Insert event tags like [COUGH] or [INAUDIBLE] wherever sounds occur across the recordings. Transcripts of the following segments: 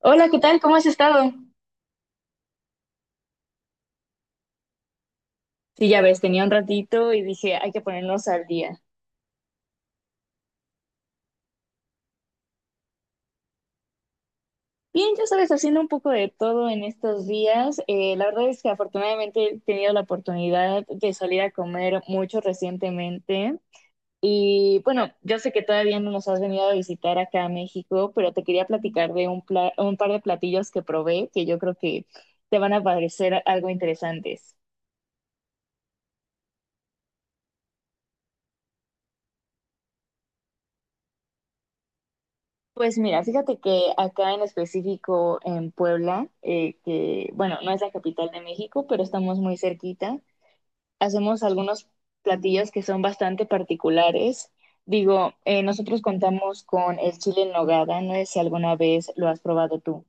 Hola, ¿qué tal? ¿Cómo has estado? Sí, ya ves, tenía un ratito y dije, hay que ponernos al día. Bien, ya sabes, haciendo un poco de todo en estos días. La verdad es que afortunadamente he tenido la oportunidad de salir a comer mucho recientemente. Y bueno, yo sé que todavía no nos has venido a visitar acá a México, pero te quería platicar de un par de platillos que probé que yo creo que te van a parecer algo interesantes. Pues mira, fíjate que acá en específico en Puebla, que bueno, no es la capital de México, pero estamos muy cerquita, hacemos algunos platillos que son bastante particulares. Digo, nosotros contamos con el chile en nogada, no sé si alguna vez lo has probado tú.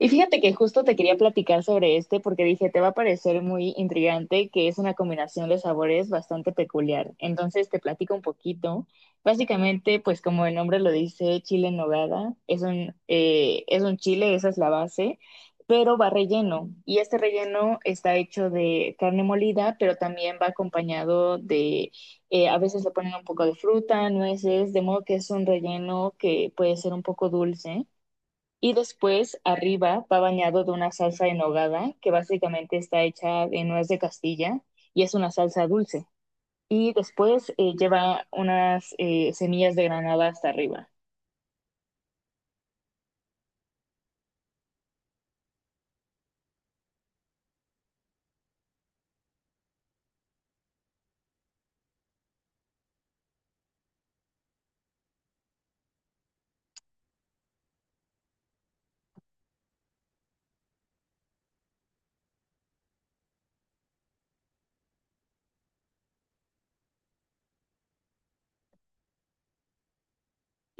Y fíjate que justo te quería platicar sobre este porque dije, te va a parecer muy intrigante que es una combinación de sabores bastante peculiar. Entonces te platico un poquito. Básicamente, pues como el nombre lo dice, chile en nogada, es un chile, esa es la base, pero va relleno. Y este relleno está hecho de carne molida, pero también va acompañado de, a veces le ponen un poco de fruta, nueces, de modo que es un relleno que puede ser un poco dulce y después, arriba, va bañado de una salsa en nogada, que básicamente está hecha de nuez de Castilla y es una salsa dulce. Y después lleva unas semillas de granada hasta arriba.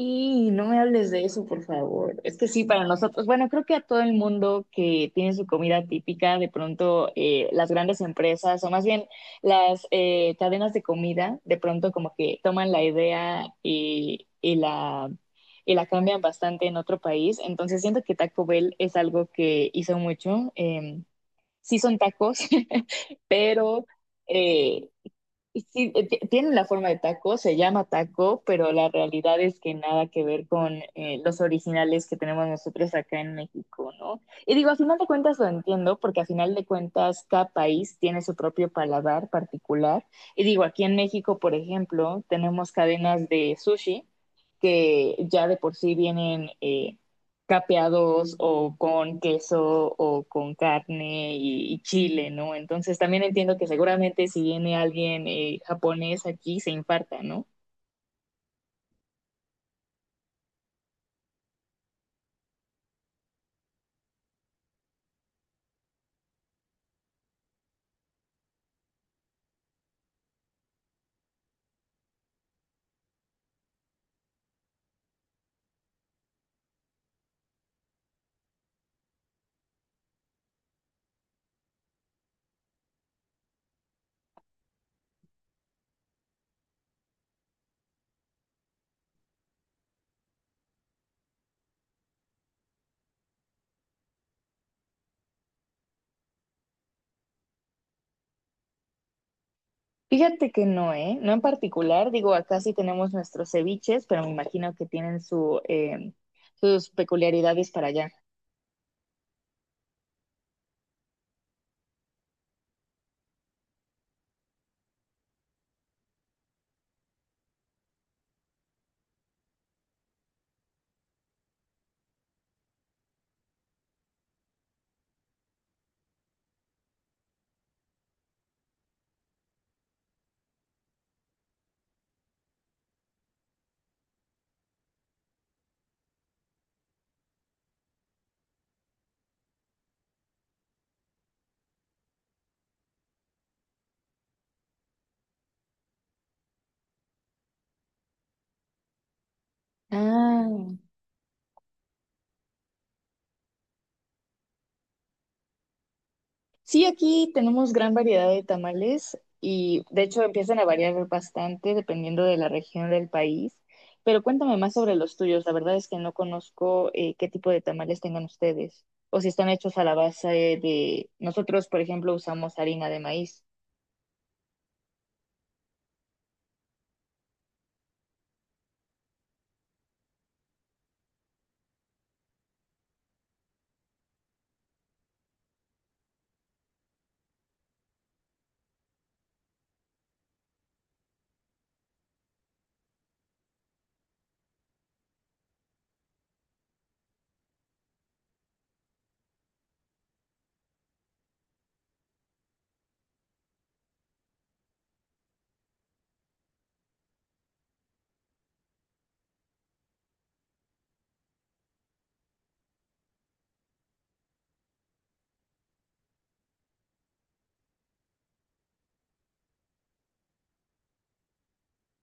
Y no me hables de eso, por favor. Es que sí, para nosotros, bueno, creo que a todo el mundo que tiene su comida típica, de pronto las grandes empresas o más bien las cadenas de comida, de pronto como que toman la idea y la cambian bastante en otro país. Entonces siento que Taco Bell es algo que hizo mucho. Sí son tacos, [LAUGHS] pero... eh, y sí, tiene la forma de taco, se llama taco, pero la realidad es que nada que ver con los originales que tenemos nosotros acá en México, ¿no? Y digo, a final de cuentas lo entiendo, porque a final de cuentas cada país tiene su propio paladar particular. Y digo, aquí en México, por ejemplo, tenemos cadenas de sushi que ya de por sí vienen capeados o con queso o con carne chile, ¿no? Entonces también entiendo que seguramente si viene alguien japonés aquí se infarta, ¿no? Fíjate que no, ¿eh? No en particular, digo, acá sí tenemos nuestros ceviches, pero me imagino que tienen su, sus peculiaridades para allá. Ah, sí, aquí tenemos gran variedad de tamales y de hecho empiezan a variar bastante dependiendo de la región del país. Pero cuéntame más sobre los tuyos. La verdad es que no conozco qué tipo de tamales tengan ustedes o si están hechos a la base de... Nosotros, por ejemplo, usamos harina de maíz.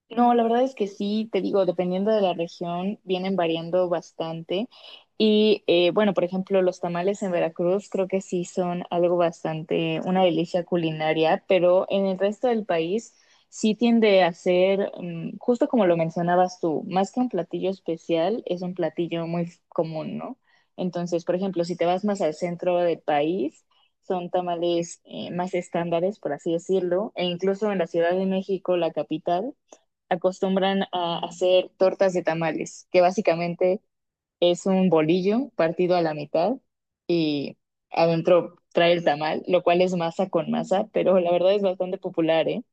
No, la verdad es que sí, te digo, dependiendo de la región, vienen variando bastante. Y bueno, por ejemplo, los tamales en Veracruz creo que sí son algo bastante, una delicia culinaria, pero en el resto del país sí tiende a ser, justo como lo mencionabas tú, más que un platillo especial, es un platillo muy común, ¿no? Entonces, por ejemplo, si te vas más al centro del país, son tamales más estándares, por así decirlo, e incluso en la Ciudad de México, la capital acostumbran a hacer tortas de tamales, que básicamente es un bolillo partido a la mitad y adentro trae el tamal, lo cual es masa con masa, pero la verdad es bastante popular, ¿eh?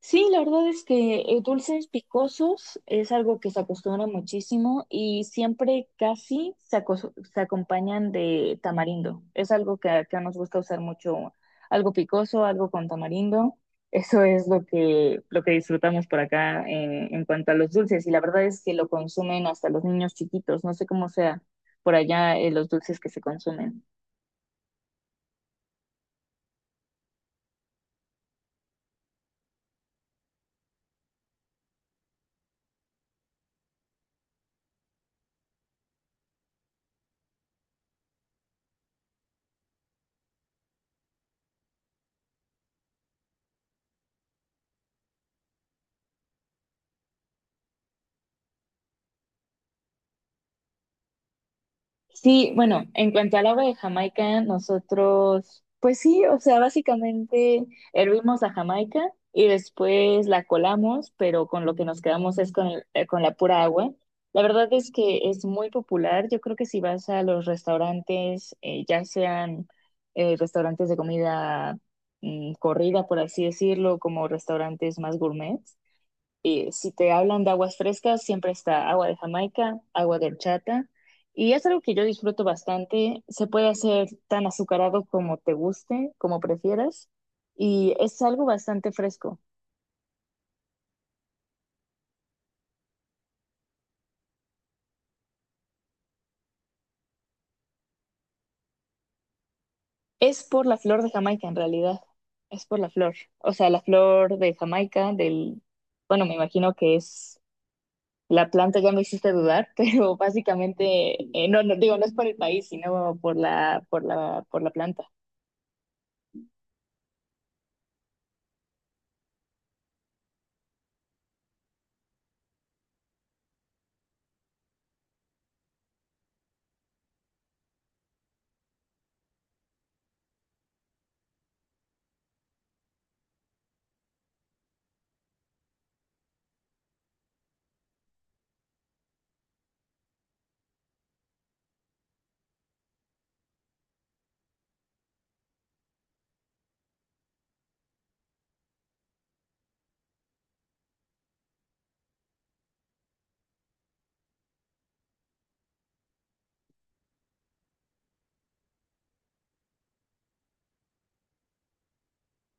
Sí, la verdad es que dulces picosos es algo que se acostumbra muchísimo y siempre casi se acompañan de tamarindo. Es algo que acá nos gusta usar mucho, algo picoso, algo con tamarindo. Eso es lo que disfrutamos por acá en cuanto a los dulces y la verdad es que lo consumen hasta los niños chiquitos. No sé cómo sea por allá los dulces que se consumen. Sí, bueno, en cuanto al agua de Jamaica, nosotros, pues sí, o sea, básicamente hervimos a Jamaica y después la colamos, pero con lo que nos quedamos es con, con la pura agua. La verdad es que es muy popular. Yo creo que si vas a los restaurantes, ya sean restaurantes de comida corrida, por así decirlo, como restaurantes más gourmet, y si te hablan de aguas frescas, siempre está agua de Jamaica, agua de horchata. Y es algo que yo disfruto bastante. Se puede hacer tan azucarado como te guste, como prefieras. Y es algo bastante fresco. Es por la flor de Jamaica, en realidad. Es por la flor. O sea, la flor de Jamaica, del... Bueno, me imagino que es la planta, ya me hiciste dudar, [LAUGHS] pero básicamente, no digo, no es por el país, sino por la, por la, por la planta.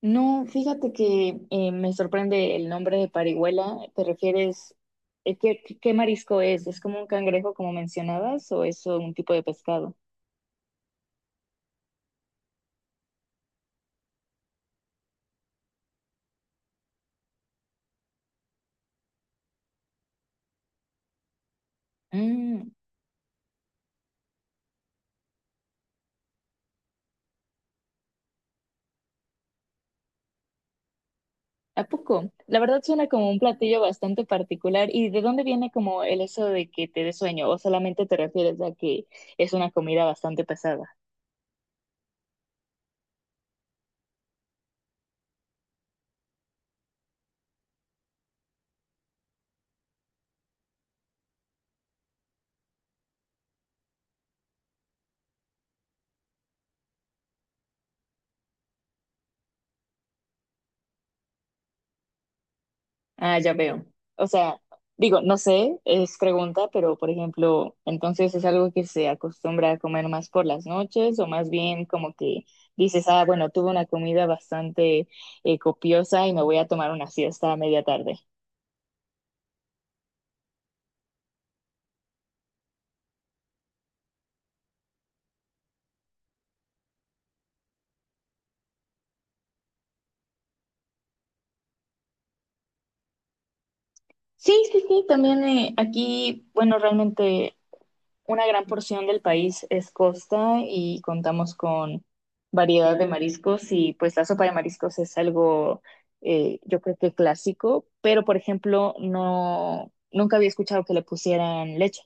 No, fíjate que me sorprende el nombre de parihuela. ¿Te refieres, qué, qué marisco es? ¿Es como un cangrejo, como mencionabas, o es un tipo de pescado? Mm, ¿A poco? La verdad suena como un platillo bastante particular. ¿Y de dónde viene como el eso de que te dé sueño? ¿O solamente te refieres a que es una comida bastante pesada? Ah, ya veo. O sea, digo, no sé, es pregunta, pero por ejemplo, entonces es algo que se acostumbra a comer más por las noches o más bien como que dices, ah, bueno, tuve una comida bastante copiosa y me voy a tomar una siesta a media tarde. Sí, sí, sí, también aquí, bueno, realmente una gran porción del país es costa y contamos con variedad de mariscos y pues la sopa de mariscos es algo yo creo que clásico, pero por ejemplo no nunca había escuchado que le pusieran leche.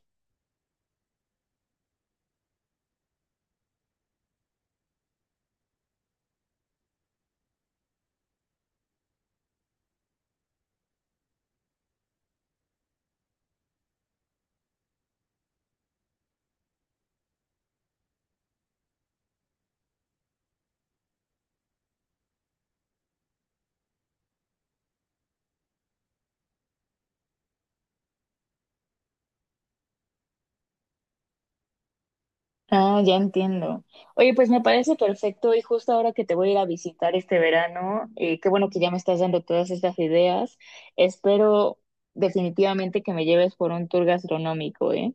Ah, ya entiendo. Oye, pues me parece perfecto y justo ahora que te voy a ir a visitar este verano, qué bueno que ya me estás dando todas estas ideas. Espero definitivamente que me lleves por un tour gastronómico, ¿eh?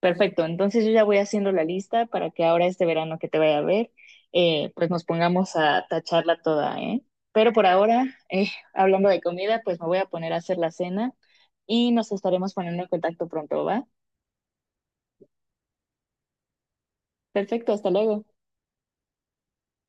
Perfecto, entonces yo ya voy haciendo la lista para que ahora este verano que te vaya a ver, pues nos pongamos a tacharla toda, ¿eh? Pero por ahora, eh, hablando de comida, pues me voy a poner a hacer la cena y nos estaremos poniendo en contacto pronto, ¿va? Perfecto, hasta luego.